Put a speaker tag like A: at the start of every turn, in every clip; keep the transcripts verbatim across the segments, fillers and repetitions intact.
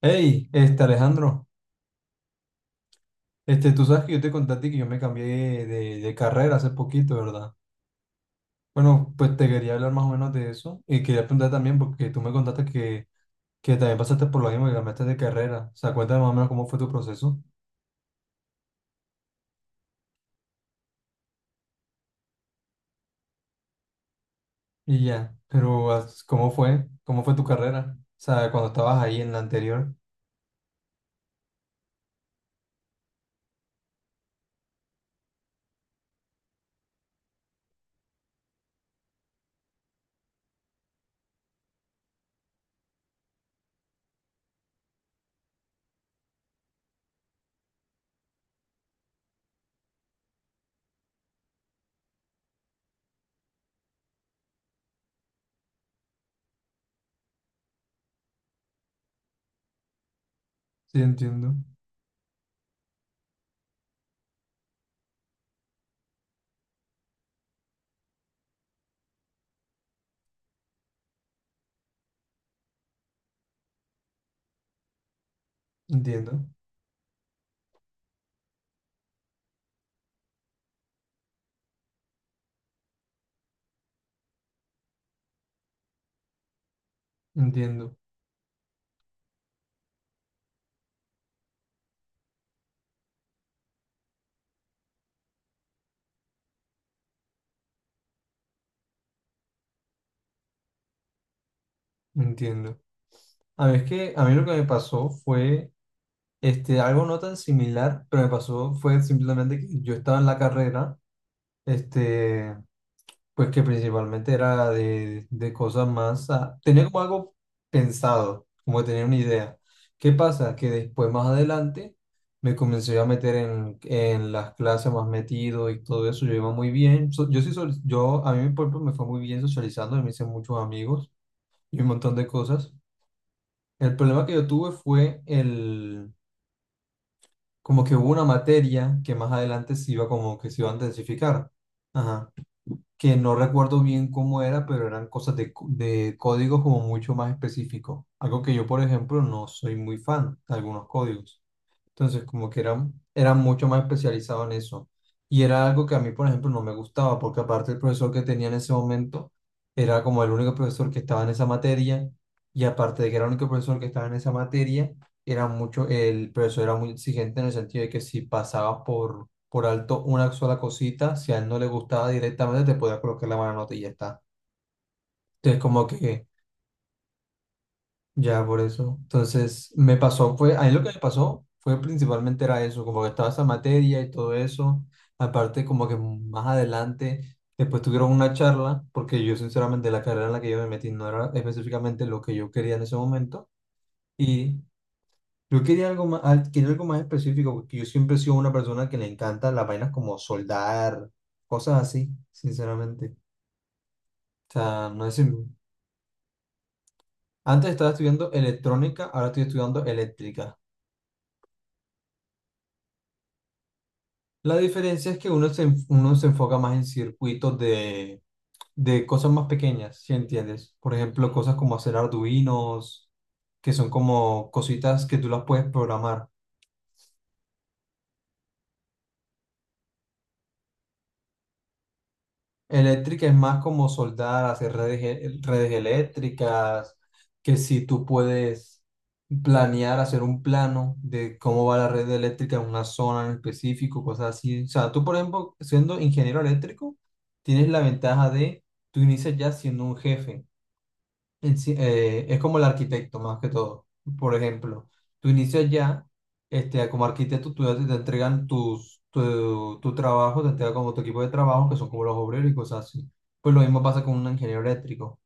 A: Hey, este Alejandro. Este, tú sabes que yo te conté a ti que yo me cambié de, de carrera hace poquito, ¿verdad? Bueno, pues te quería hablar más o menos de eso y quería preguntar también porque tú me contaste que, que también pasaste por lo mismo que cambiaste de carrera. O sea, cuéntame más o menos cómo fue tu proceso y ya. Pero as- ¿cómo fue? ¿Cómo fue tu carrera? O sea, cuando estabas ahí en la anterior. Sí, entiendo, entiendo, entiendo, entiendo. A mí es que a mí lo que me pasó fue Este, algo no tan similar, pero me pasó fue simplemente que yo estaba en la carrera, este, pues que principalmente era de, de cosas más, ah, tenía como algo pensado, como que tenía una idea. ¿Qué pasa? Que después, más adelante, me comencé a meter en, en las clases más metido y todo eso. Yo iba muy bien, so- yo sí, sol- yo, a mí por ejemplo, me fue muy bien socializando, me hice muchos amigos y un montón de cosas. El problema que yo tuve fue el como que hubo una materia que más adelante se iba como que se iba a intensificar. Ajá. Que no recuerdo bien cómo era, pero eran cosas de, co- de códigos como mucho más específicos. Algo que yo, por ejemplo, no soy muy fan de algunos códigos. Entonces, como que era, era mucho más especializado en eso. Y era algo que a mí, por ejemplo, no me gustaba, porque aparte el profesor que tenía en ese momento era como el único profesor que estaba en esa materia, y aparte de que era el único profesor que estaba en esa materia, era mucho, el profesor era muy exigente en el sentido de que si pasabas por, por alto una sola cosita, si a él no le gustaba directamente, te podía colocar la mala nota y ya está. Entonces, como que ya, por eso. Entonces, me pasó, fue, a mí lo que me pasó fue principalmente era eso, como que estaba esa materia y todo eso. Aparte, como que más adelante, después tuvieron una charla, porque yo sinceramente la carrera en la que yo me metí no era específicamente lo que yo quería en ese momento. Y yo quería algo más, al- quería algo más específico, porque yo siempre he sido una persona que le encanta las vainas como soldar, cosas así, sinceramente. O sea, no es... Antes estaba estudiando electrónica, ahora estoy estudiando eléctrica. La diferencia es que uno se, enf- uno se enfoca más en circuitos de, de cosas más pequeñas, ¿si entiendes? Por ejemplo, cosas como hacer arduinos, que son como cositas que tú las puedes programar. Eléctrica es más como soldar, hacer redes, e- redes eléctricas, que si tú puedes planear, hacer un plano de cómo va la red eléctrica en una zona en específico, cosas así. O sea, tú, por ejemplo, siendo ingeniero eléctrico, tienes la ventaja de, tú inicias ya siendo un jefe. En sí- eh, es como el arquitecto más que todo. Por ejemplo, tú inicias ya, este, como arquitecto, tú ya te te entregan tus, tu, tu trabajo, te entregan como tu equipo de trabajo, que son como los obreros y cosas así. Pues lo mismo pasa con un ingeniero eléctrico.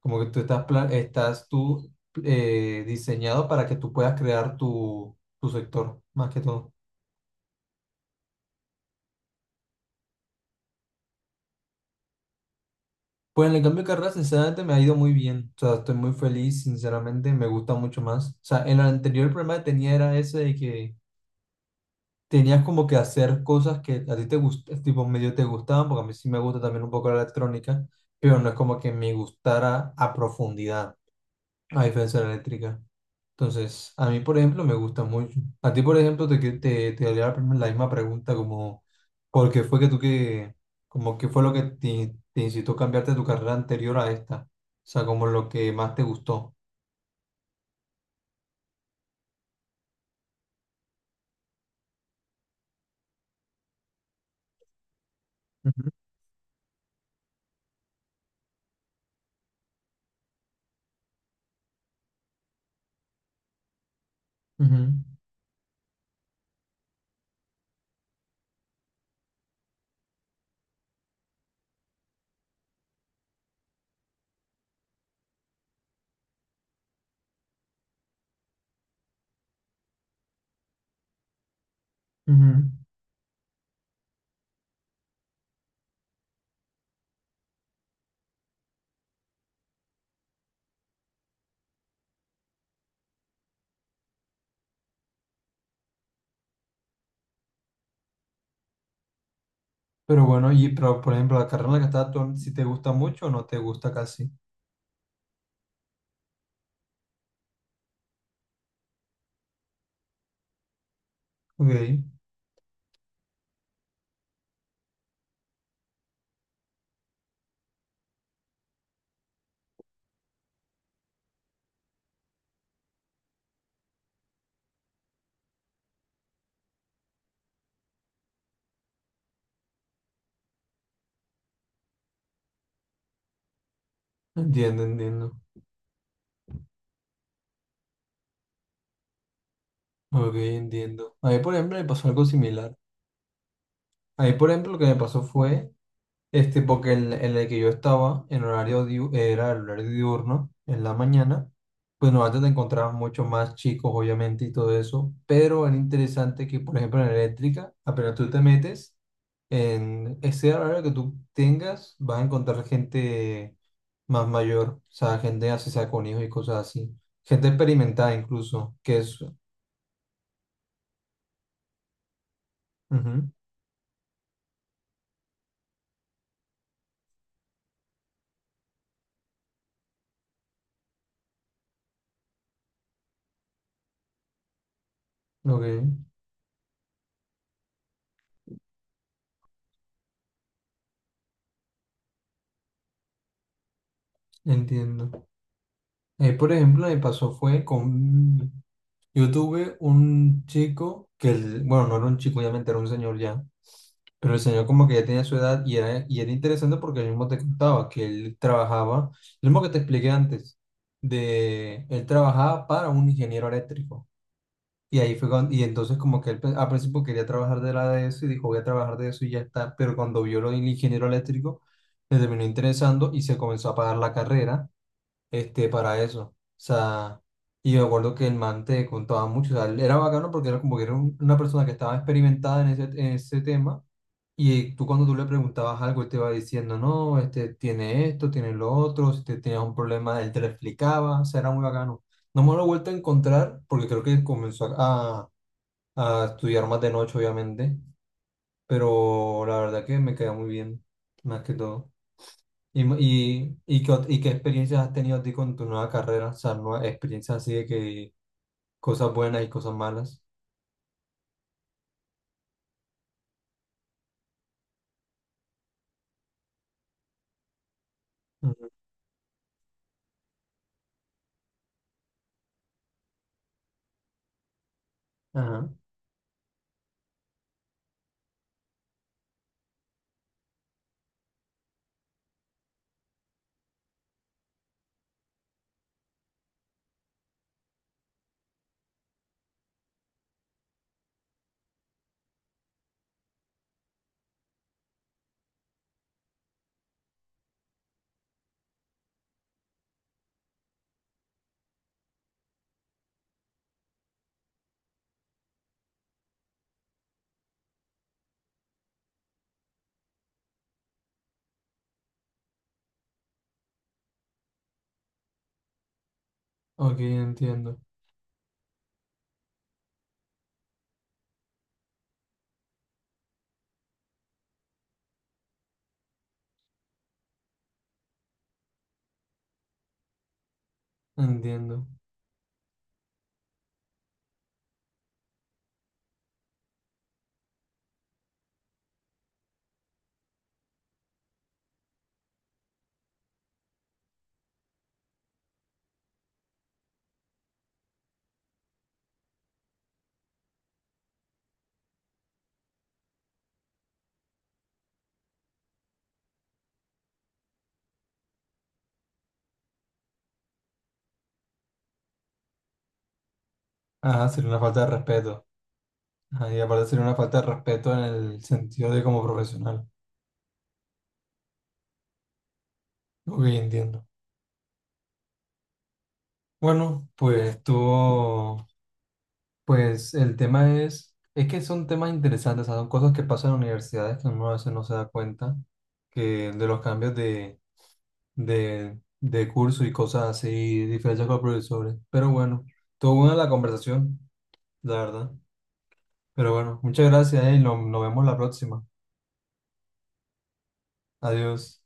A: Como que tú estás, pla- estás tú eh, diseñado para que tú puedas crear tu, tu sector, más que todo. Pues en el cambio de carrera, sinceramente, me ha ido muy bien. O sea, estoy muy feliz, sinceramente, me gusta mucho más. O sea, en el anterior problema que tenía era ese de que tenías como que hacer cosas que a ti te gustaban, tipo medio te gustaban, porque a mí sí me gusta también un poco la electrónica, pero no es como que me gustara a profundidad, a diferencia de la eléctrica. Entonces, a mí, por ejemplo, me gusta mucho. A ti, por ejemplo, te, que- te, te, haría la prim- la misma pregunta como, ¿por qué fue que tú que, como qué fue lo que te, te incitó a cambiarte de tu carrera anterior a esta? O sea, como lo que más te gustó. Ujú, ujú, ujú. Pero bueno, y pero, por ejemplo, la carrera en la que estás tú, si te gusta mucho o no te gusta casi. Ok, entiendo, entiendo. Ok, entiendo. A mí, por ejemplo, me pasó algo similar. A mí, por ejemplo, lo que me pasó fue Este, porque en, en el que yo estaba, en horario diu- era el horario diurno, en la mañana, pues no antes te encontrabas mucho más chicos, obviamente, y todo eso, pero era interesante que, por ejemplo, en la eléctrica, apenas tú te metes, en ese horario que tú tengas, vas a encontrar gente más mayor, o sea, gente así sea con hijos y cosas así, gente experimentada incluso, que es, ujú, ok, entiendo. Eh, por ejemplo, me pasó fue con Yo tuve un chico que, el- bueno, no era un chico, obviamente era un señor ya, pero el señor como que ya tenía su edad y era, y era interesante porque él mismo te contaba que él trabajaba, lo mismo que te expliqué antes, de él trabajaba para un ingeniero eléctrico. Y ahí fue cuando, y entonces como que él pe- al principio quería trabajar de la de eso y dijo voy a trabajar de eso y ya está, pero cuando vio lo del ingeniero eléctrico, le terminó interesando y se comenzó a pagar la carrera este, para eso. O sea, y me acuerdo que el man te contaba mucho, o sea, él era bacano porque era como que era un- una persona que estaba experimentada en ese, en ese tema y tú cuando tú le preguntabas algo, él te iba diciendo, no, este, tiene esto, tiene lo otro, si te tenías un problema, él te lo explicaba, o sea, era muy bacano. No me lo he vuelto a encontrar porque creo que comenzó a, a estudiar más de noche, obviamente, pero la verdad que me queda muy bien, más que todo. ¿Y, mo- y, y, qué, ot- y qué experiencias has tenido ti con tu nueva carrera? O sea, nuevas experiencias así de que cosas buenas y cosas malas. Ujú. Ajá. Ok, entiendo. Entiendo. Ajá, sería una falta de respeto. Ajá, y aparte sería una falta de respeto en el sentido de como profesional. Ok, entiendo. Bueno, pues tú, pues el tema es, es que son temas interesantes, o sea, son cosas que pasan en universidades que uno a veces no se da cuenta que de los cambios de de, de curso y cosas así, diferencias con los profesores. Pero bueno, estuvo buena la conversación, la verdad. Pero bueno, muchas gracias, eh, y nos nos vemos la próxima. Adiós.